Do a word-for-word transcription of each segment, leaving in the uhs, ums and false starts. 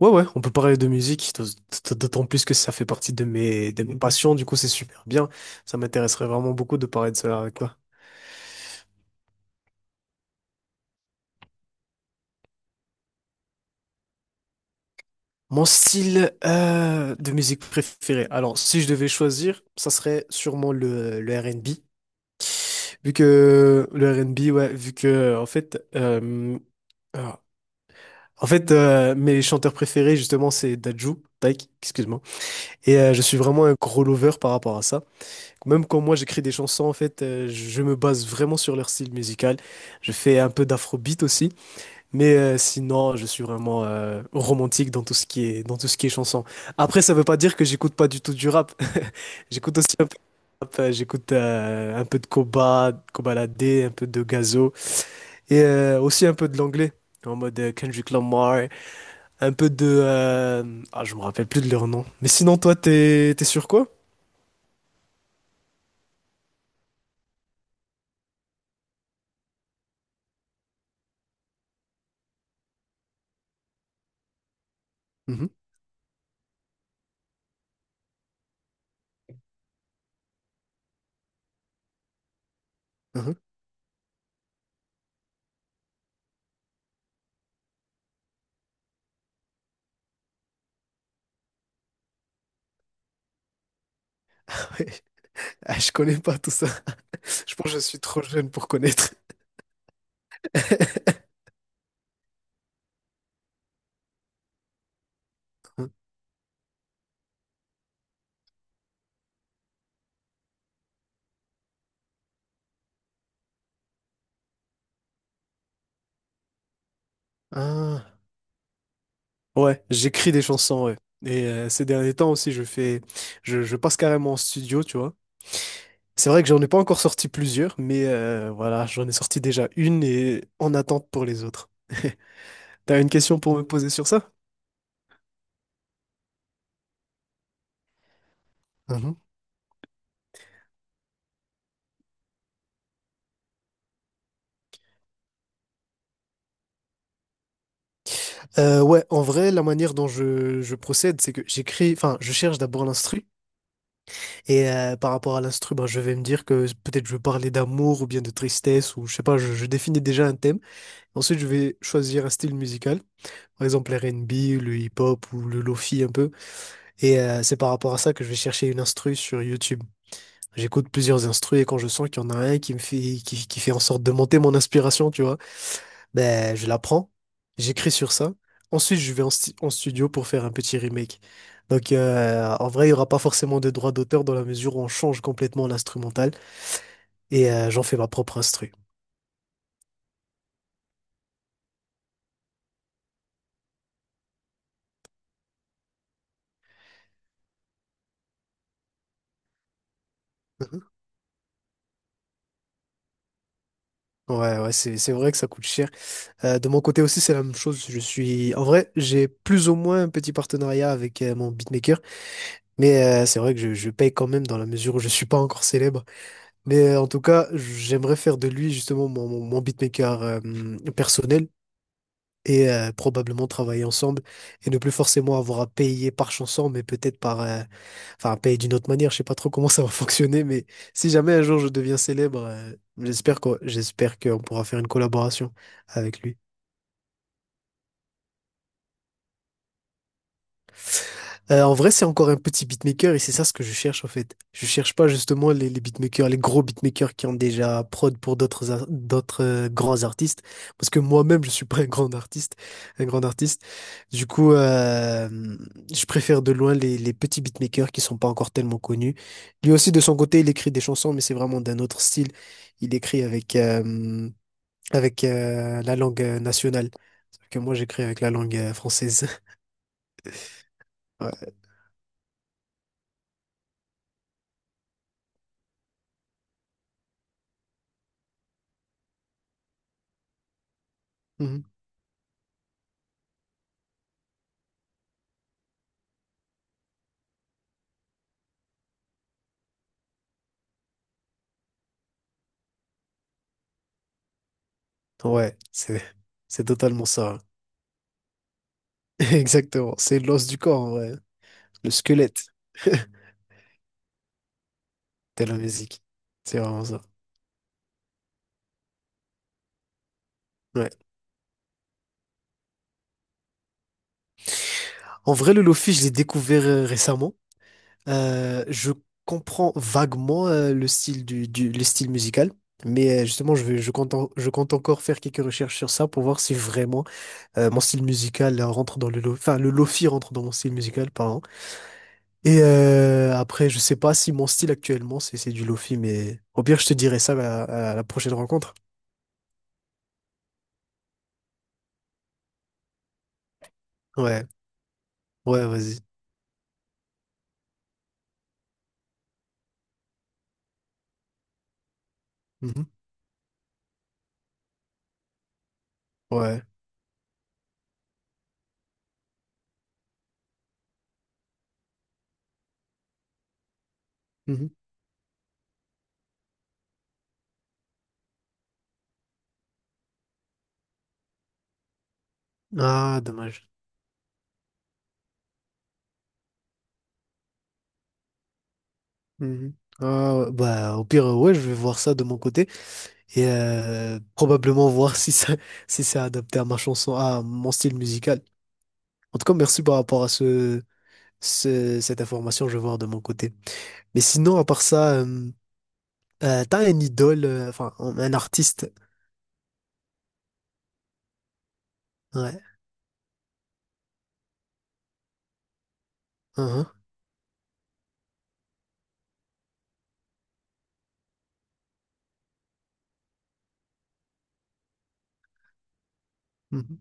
Ouais, ouais, on peut parler de musique, d'aut- d'aut- d'autant plus que ça fait partie de mes, de mes passions, du coup c'est super bien. Ça m'intéresserait vraiment beaucoup de parler de cela avec toi. Mon style euh, de musique préféré. Alors, si je devais choisir, ça serait sûrement le, le R and B. Vu que le R and B, ouais, vu que en fait, euh, ah, en fait, euh, mes chanteurs préférés justement c'est Dadju, Taïk, excuse-moi. Et euh, je suis vraiment un gros lover par rapport à ça. Même quand moi j'écris des chansons, en fait, euh, je me base vraiment sur leur style musical. Je fais un peu d'afrobeat aussi, mais euh, sinon, je suis vraiment euh, romantique dans tout ce qui est dans tout ce qui est chanson. Après, ça veut pas dire que j'écoute pas du tout du rap. J'écoute aussi un peu de rap, euh, j'écoute euh, un peu de Koba, Koba un peu de Gazo et euh, aussi un peu de l'anglais. En mode euh, Kendrick Lamar, un peu de... euh, Ah, je me rappelle plus de leur nom. Mais sinon, toi, t'es t'es sur quoi? Mhm, mhm. Ah, je connais pas tout ça. Je pense que je suis trop jeune pour connaître. Ah, ouais, j'écris des chansons, ouais. Et euh, ces derniers temps aussi, je fais, je, je passe carrément en studio, tu vois. C'est vrai que j'en ai pas encore sorti plusieurs, mais euh, voilà, j'en ai sorti déjà une et en attente pour les autres. T'as une question pour me poser sur ça? Mhm. Euh, ouais, en vrai, la manière dont je, je procède, c'est que j'écris, enfin, je cherche d'abord l'instru, et euh, par rapport à l'instru, ben, je vais me dire que peut-être je veux parler d'amour ou bien de tristesse, ou je sais pas, je, je définis déjà un thème. Ensuite, je vais choisir un style musical, par exemple l'R and B, le hip-hop ou le lofi un peu. Et euh, c'est par rapport à ça que je vais chercher une instru sur YouTube. J'écoute plusieurs instrus et quand je sens qu'il y en a un qui me fait, qui, qui fait en sorte de monter mon inspiration, tu vois, ben je la prends, j'écris sur ça. Ensuite, je vais en, sti- en studio pour faire un petit remake. Donc, euh, en vrai, il n'y aura pas forcément de droit d'auteur dans la mesure où on change complètement l'instrumental et euh, j'en fais ma propre instru. Mhm. Ouais, ouais, c'est, c'est vrai que ça coûte cher. Euh, de mon côté aussi, c'est la même chose. Je suis, en vrai, j'ai plus ou moins un petit partenariat avec euh, mon beatmaker, mais euh, c'est vrai que je, je paye quand même dans la mesure où je suis pas encore célèbre. Mais euh, en tout cas, j'aimerais faire de lui justement mon, mon, mon beatmaker euh, personnel et euh, probablement travailler ensemble et ne plus forcément avoir à payer par chanson, mais peut-être par, euh, enfin, payer d'une autre manière, je sais pas trop comment ça va fonctionner, mais si jamais un jour je deviens célèbre, euh, j'espère qu'on, j'espère qu'on pourra faire une collaboration avec lui. Euh, en vrai, c'est encore un petit beatmaker et c'est ça ce que je cherche en fait. Je cherche pas justement les, les beatmakers, les gros beatmakers qui ont déjà prod pour d'autres ar- d'autres euh, grands artistes, parce que moi-même je suis pas un grand artiste, un grand artiste. Du coup, euh, je préfère de loin les, les petits beatmakers qui sont pas encore tellement connus. Lui aussi de son côté, il écrit des chansons, mais c'est vraiment d'un autre style. Il écrit avec euh, avec euh, la langue euh, nationale, sauf que moi j'écris avec la langue euh, française. Ouais. Ouais, c'est c'est totalement ça, hein. Exactement. C'est l'os du corps, en vrai. Le squelette de la musique. C'est vraiment ça. Ouais. En vrai, le lofi, je l'ai découvert euh, récemment. Euh, je comprends vaguement euh, le style du, du- le style musical. Mais euh, justement, je vais, je compte, en- je compte encore faire quelques recherches sur ça pour voir si vraiment euh, mon style musical euh, rentre dans le lo- enfin, le lofi rentre dans mon style musical, pardon. Et euh, après, je sais pas si mon style actuellement, c'est c'est du lofi, mais au pire, je te dirai ça à, à la prochaine rencontre. Ouais, ouais, vas-y. Mhm. Ouais. Mhm. Ah, dommage. Mhm. Ah, ouais, bah, au pire, euh, ouais, je vais voir ça de mon côté et euh, probablement voir si ça, si c'est adapté à ma chanson, à mon style musical. En tout cas, merci par rapport à ce, ce- cette information, je vais voir de mon côté. Mais sinon, à part ça, euh, euh, t'as un idole, euh, enfin, un un artiste. Ouais. Mhm.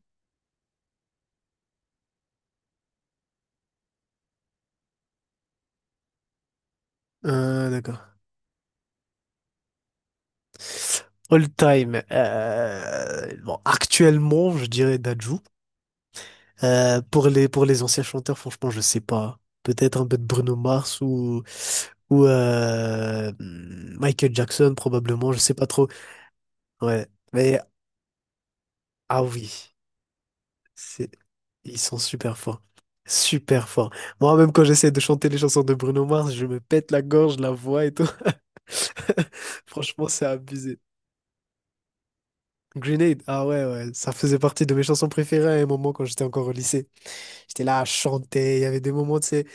Euh, d'accord. All time. Euh, bon, actuellement, je dirais Dadju. Euh, pour les pour les anciens chanteurs, franchement, je sais pas. Peut-être un peu de Bruno Mars ou ou euh, Michael Jackson probablement. Je sais pas trop. Ouais. Mais ah oui, c'est Ils sont super forts, super forts. Moi, même quand j'essaie de chanter les chansons de Bruno Mars, je me pète la gorge, la voix et tout. Franchement, c'est abusé. Grenade, ah ouais, ouais, ça faisait partie de mes chansons préférées à un moment quand j'étais encore au lycée. J'étais là à chanter, il y avait des moments, tu sais, tu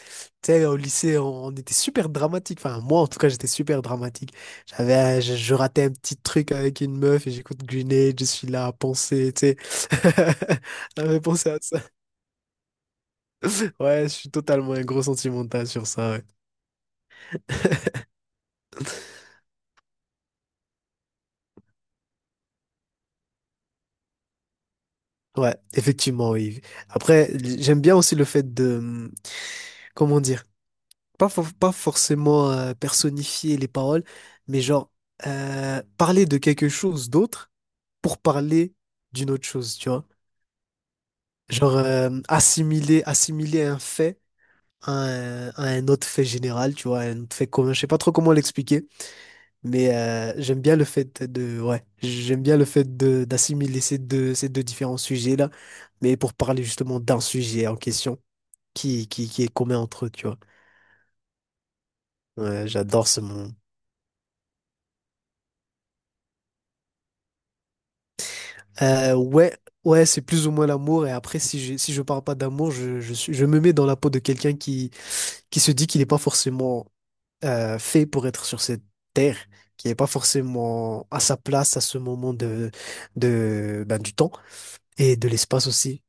sais, au lycée, on, on était super dramatique. Enfin, moi, en tout cas, j'étais super dramatique. J'avais, un- je, je ratais un petit truc avec une meuf et j'écoute Grenade, je suis là à penser, tu sais. J'avais pensé à ça. Ouais, je suis totalement un gros sentimental sur ça, ouais. Ouais, effectivement, oui. Après, j'aime bien aussi le fait de, hum, comment dire, pas, for- pas forcément euh, personnifier les paroles, mais genre euh, parler de quelque chose d'autre pour parler d'une autre chose, tu vois. Genre euh, assimiler, assimiler un fait à un, à un autre fait général, tu vois, un autre fait commun. Je sais pas trop comment l'expliquer, mais euh, j'aime bien le fait de, ouais, j'aime bien le fait de d'assimiler ces deux, ces deux différents sujets-là, mais pour parler justement d'un sujet en question qui, qui, qui est commun entre eux, tu vois. Ouais, j'adore ce moment. Euh, ouais, ouais, c'est plus ou moins l'amour. Et après, si je, si je parle pas d'amour, je, je suis, je me mets dans la peau de quelqu'un qui, qui se dit qu'il n'est pas forcément euh, fait pour être sur cette terre, qui n'est pas forcément à sa place à ce moment de, de, ben, du temps et de l'espace aussi.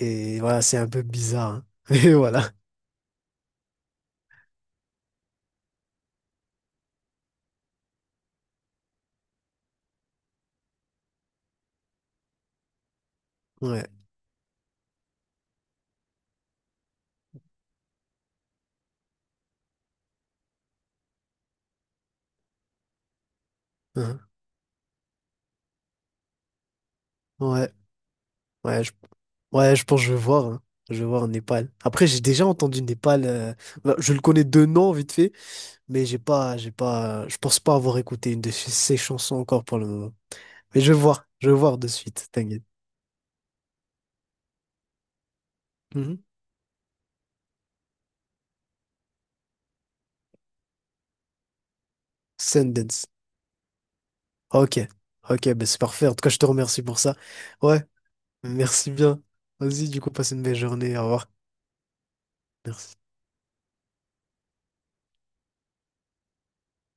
Et voilà, c'est un peu bizarre, hein. Mais voilà. Ouais. Hein. Ouais. Ouais, je, ouais, je pense que je vais voir, hein. Je vais voir en Népal. Après, j'ai déjà entendu Népal. Euh, ben, je le connais de nom, vite fait. Mais j'ai pas, j'ai pas, je pense pas avoir écouté une de ch- ses chansons encore pour le moment. Mais je vais voir, je vais voir de suite, t'inquiète. Mhm. Sundance. Ok, ok, ben c'est parfait. En tout cas, je te remercie pour ça. Ouais, merci bien. Vas-y, du coup, passe une belle journée. Au revoir. Merci.